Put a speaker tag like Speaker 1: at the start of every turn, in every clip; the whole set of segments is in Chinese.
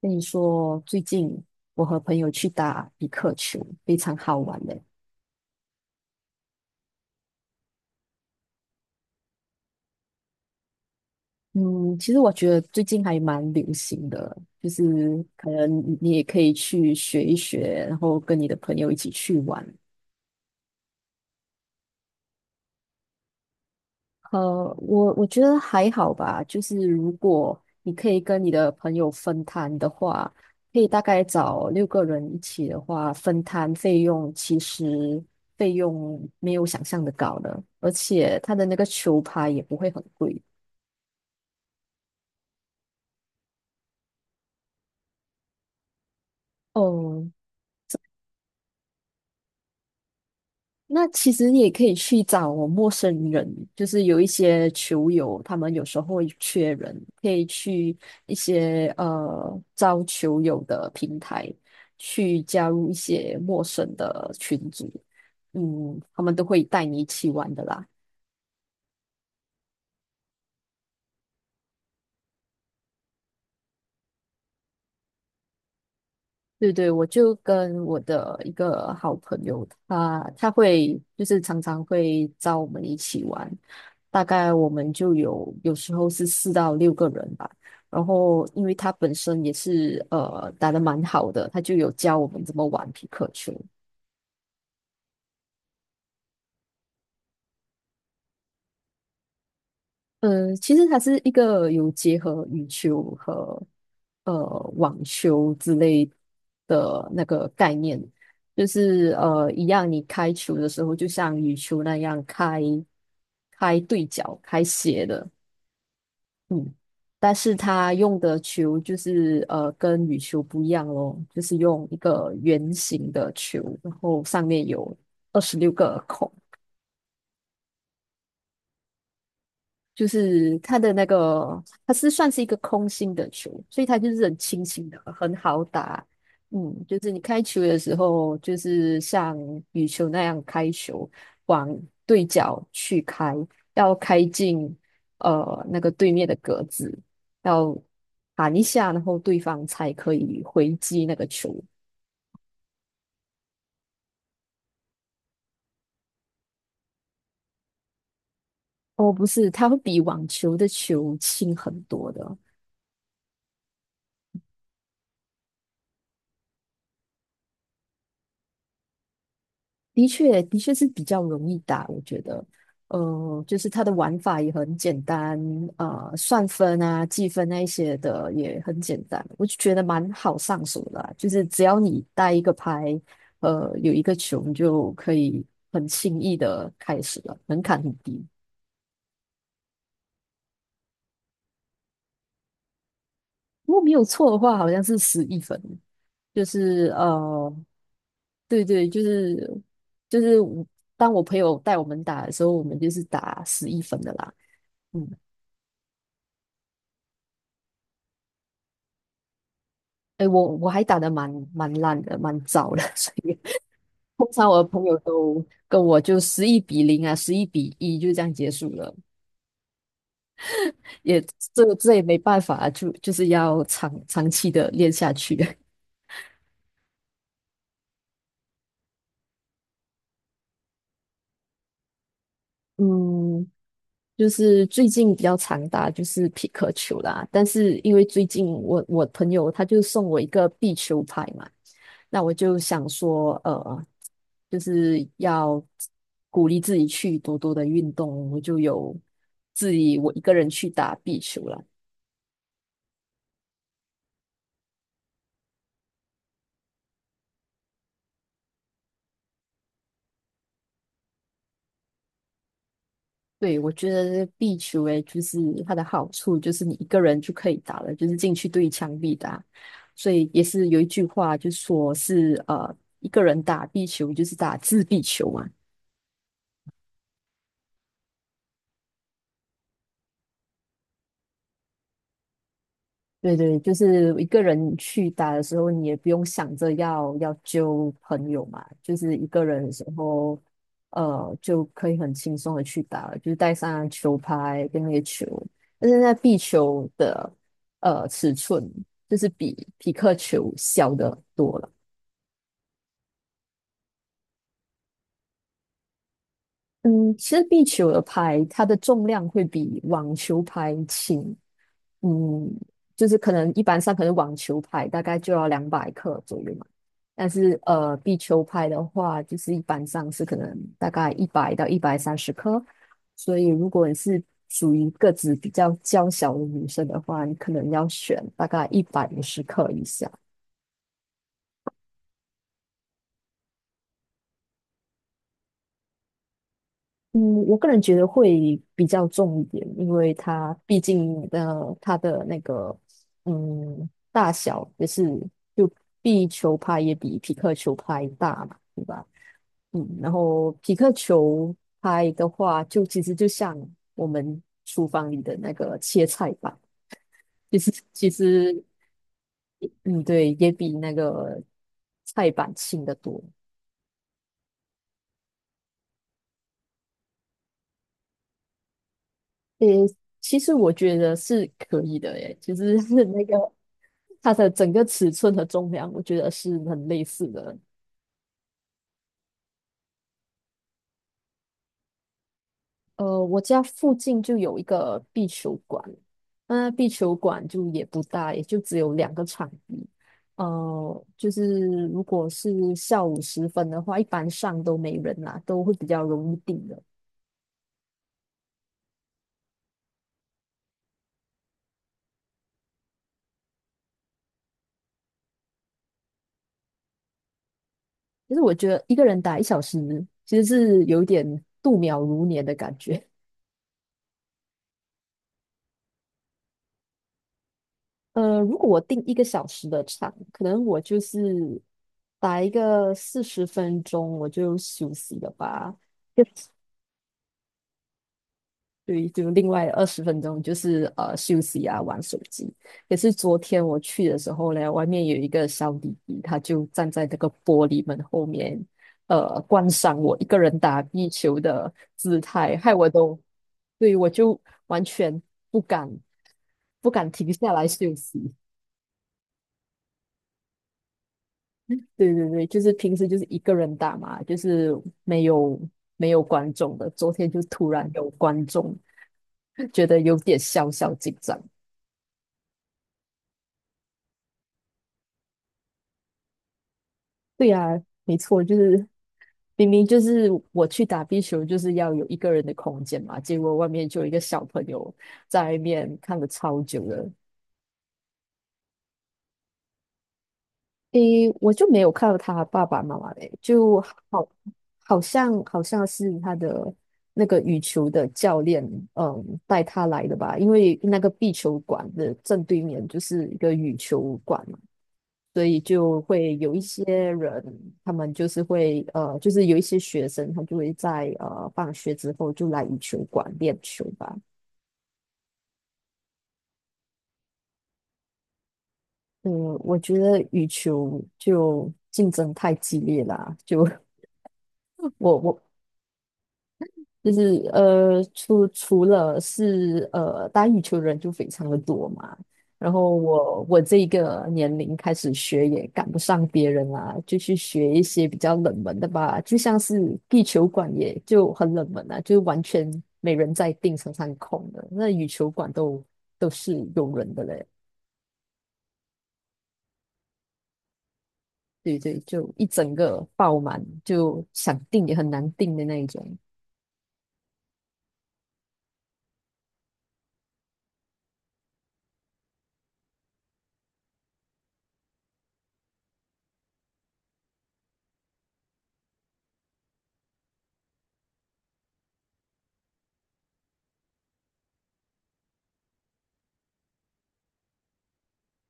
Speaker 1: 跟你说，最近我和朋友去打匹克球，非常好玩的。嗯，其实我觉得最近还蛮流行的，就是可能你也可以去学一学，然后跟你的朋友一起去玩。我觉得还好吧，就是如果你可以跟你的朋友分摊的话，可以大概找六个人一起的话，分摊费用其实费用没有想象的高了，而且他的那个球拍也不会很贵。哦，那其实也可以去找陌生人，就是有一些球友，他们有时候会缺人，可以去一些招球友的平台去加入一些陌生的群组，他们都会带你一起玩的啦。对对，我就跟我的一个好朋友，他会就是常常会找我们一起玩，大概我们就有时候是四到六个人吧。然后因为他本身也是打得蛮好的，他就有教我们怎么玩皮克球。其实它是一个有结合羽球和呃网球之类的那个概念，就是一样，你开球的时候就像羽球那样开对角、开斜的，嗯，但是它用的球就是跟羽球不一样咯，就是用一个圆形的球，然后上面有26个孔。就是它的那个，它是算是一个空心的球，所以它就是很轻轻的，很好打。就是你开球的时候，就是像羽球那样开球，往对角去开，要开进那个对面的格子，要弹一下，然后对方才可以回击那个球。哦，不是，它会比网球的球轻很多的。的确，的确是比较容易打，我觉得，就是它的玩法也很简单，算分啊、计分那一些的也很简单，我就觉得蛮好上手的啊就是只要你带一个拍，有一个球，你就可以很轻易的开始了，门槛很低。如果没有错的话，好像是十一分，就是呃，对对，就是我，当我朋友带我们打的时候，我们就是打十一分的啦。嗯。哎，我还打得蛮烂的，蛮糟的，所以通常我的朋友都跟我就11-0啊，11-1就这样结束了，也这也没办法啊，就是要长期的练下去。嗯，就是最近比较常打就是匹克球啦，但是因为最近我朋友他就送我一个壁球拍嘛，那我就想说，就是要鼓励自己去多多的运动，我就有我一个人去打壁球了。对，我觉得壁球诶，就是它的好处就是你一个人就可以打了，就是进去对墙壁打，所以也是有一句话就说是一个人打壁球就是打自闭球嘛。对对，就是一个人去打的时候，你也不用想着要揪朋友嘛，就是一个人的时候，就可以很轻松的去打了，就是带上球拍跟那个球，但是那壁球的尺寸就是比匹克球小的多了。嗯，其实壁球的拍，它的重量会比网球拍轻，嗯，就是可能一般上可能网球拍大概就要200克左右嘛，但是壁球拍的话，就是一般上是可能大概100到130克，所以如果你是属于个子比较娇小的女生的话，你可能要选大概150克以下。嗯，我个人觉得会比较重一点，因为它毕竟它的那个大小也是，就壁球拍也比匹克球拍大嘛，对吧？然后匹克球拍的话，就其实就像我们厨房里的那个切菜板，就是其实嗯对，也比那个菜板轻得多。诶，其实我觉得是可以的，诶，就是那个。它的整个尺寸和重量，我觉得是很类似的。我家附近就有一个壁球馆，那壁球馆就也不大，也就只有两个场地。就是如果是下午时分的话，一般上都没人啦，都会比较容易定的。其实我觉得一个人打一小时，其实是有一点度秒如年的感觉。如果我定一个小时的场，可能我就是打一个40分钟，我就休息了吧。就对，就另外20分钟就是休息啊，玩手机。也是昨天我去的时候呢，外面有一个小弟弟，他就站在那个玻璃门后面，观赏我一个人打壁球的姿态，害我都，对，我就完全不敢不敢停下来休息。对对对，就是平时就是一个人打嘛，就是没有没有观众的。昨天就突然有观众，觉得有点小小紧张。对呀，没错，就是明明就是我去打壁球，就是要有一个人的空间嘛，结果外面就有一个小朋友在外面看了超久了。诶，我就没有看到他爸爸妈妈嘞，就好，好像好像是他的那个羽球的教练，带他来的吧，因为那个壁球馆的正对面就是一个羽球馆嘛，所以就会有一些人，他们就是会就是有一些学生，他就会在放学之后就来羽球馆练球吧。嗯，我觉得羽球就竞争太激烈啦，就 我就是除了是打羽球的人就非常的多嘛，然后我这一个年龄开始学也赶不上别人啦、就去学一些比较冷门的吧，就像是地球馆也就很冷门啊，就完全没人在订，常上空的。那羽球馆都是有人的嘞，对对，就一整个爆满，就想订也很难订的那一种。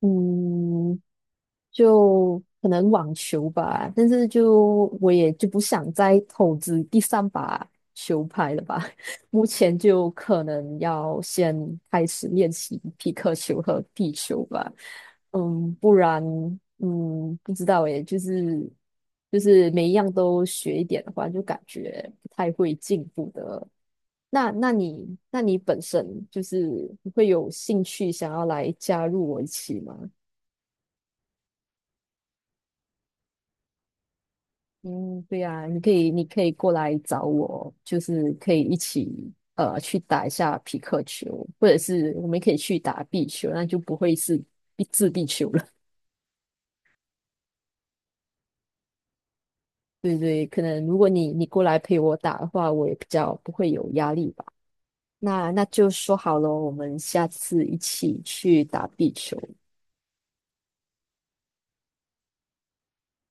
Speaker 1: 嗯，就可能网球吧，但是就我也就不想再投资第三把球拍了吧。目前就可能要先开始练习皮克球和地球吧，不然不知道诶，就是每一样都学一点的话，就感觉不太会进步的。那你本身就是会有兴趣想要来加入我一起吗？嗯，对呀、你可以过来找我，就是可以一起去打一下匹克球，或者是我们可以去打壁球，那就不会是壁球了。对对，可能如果你过来陪我打的话，我也比较不会有压力吧。那就说好了，我们下次一起去打壁球。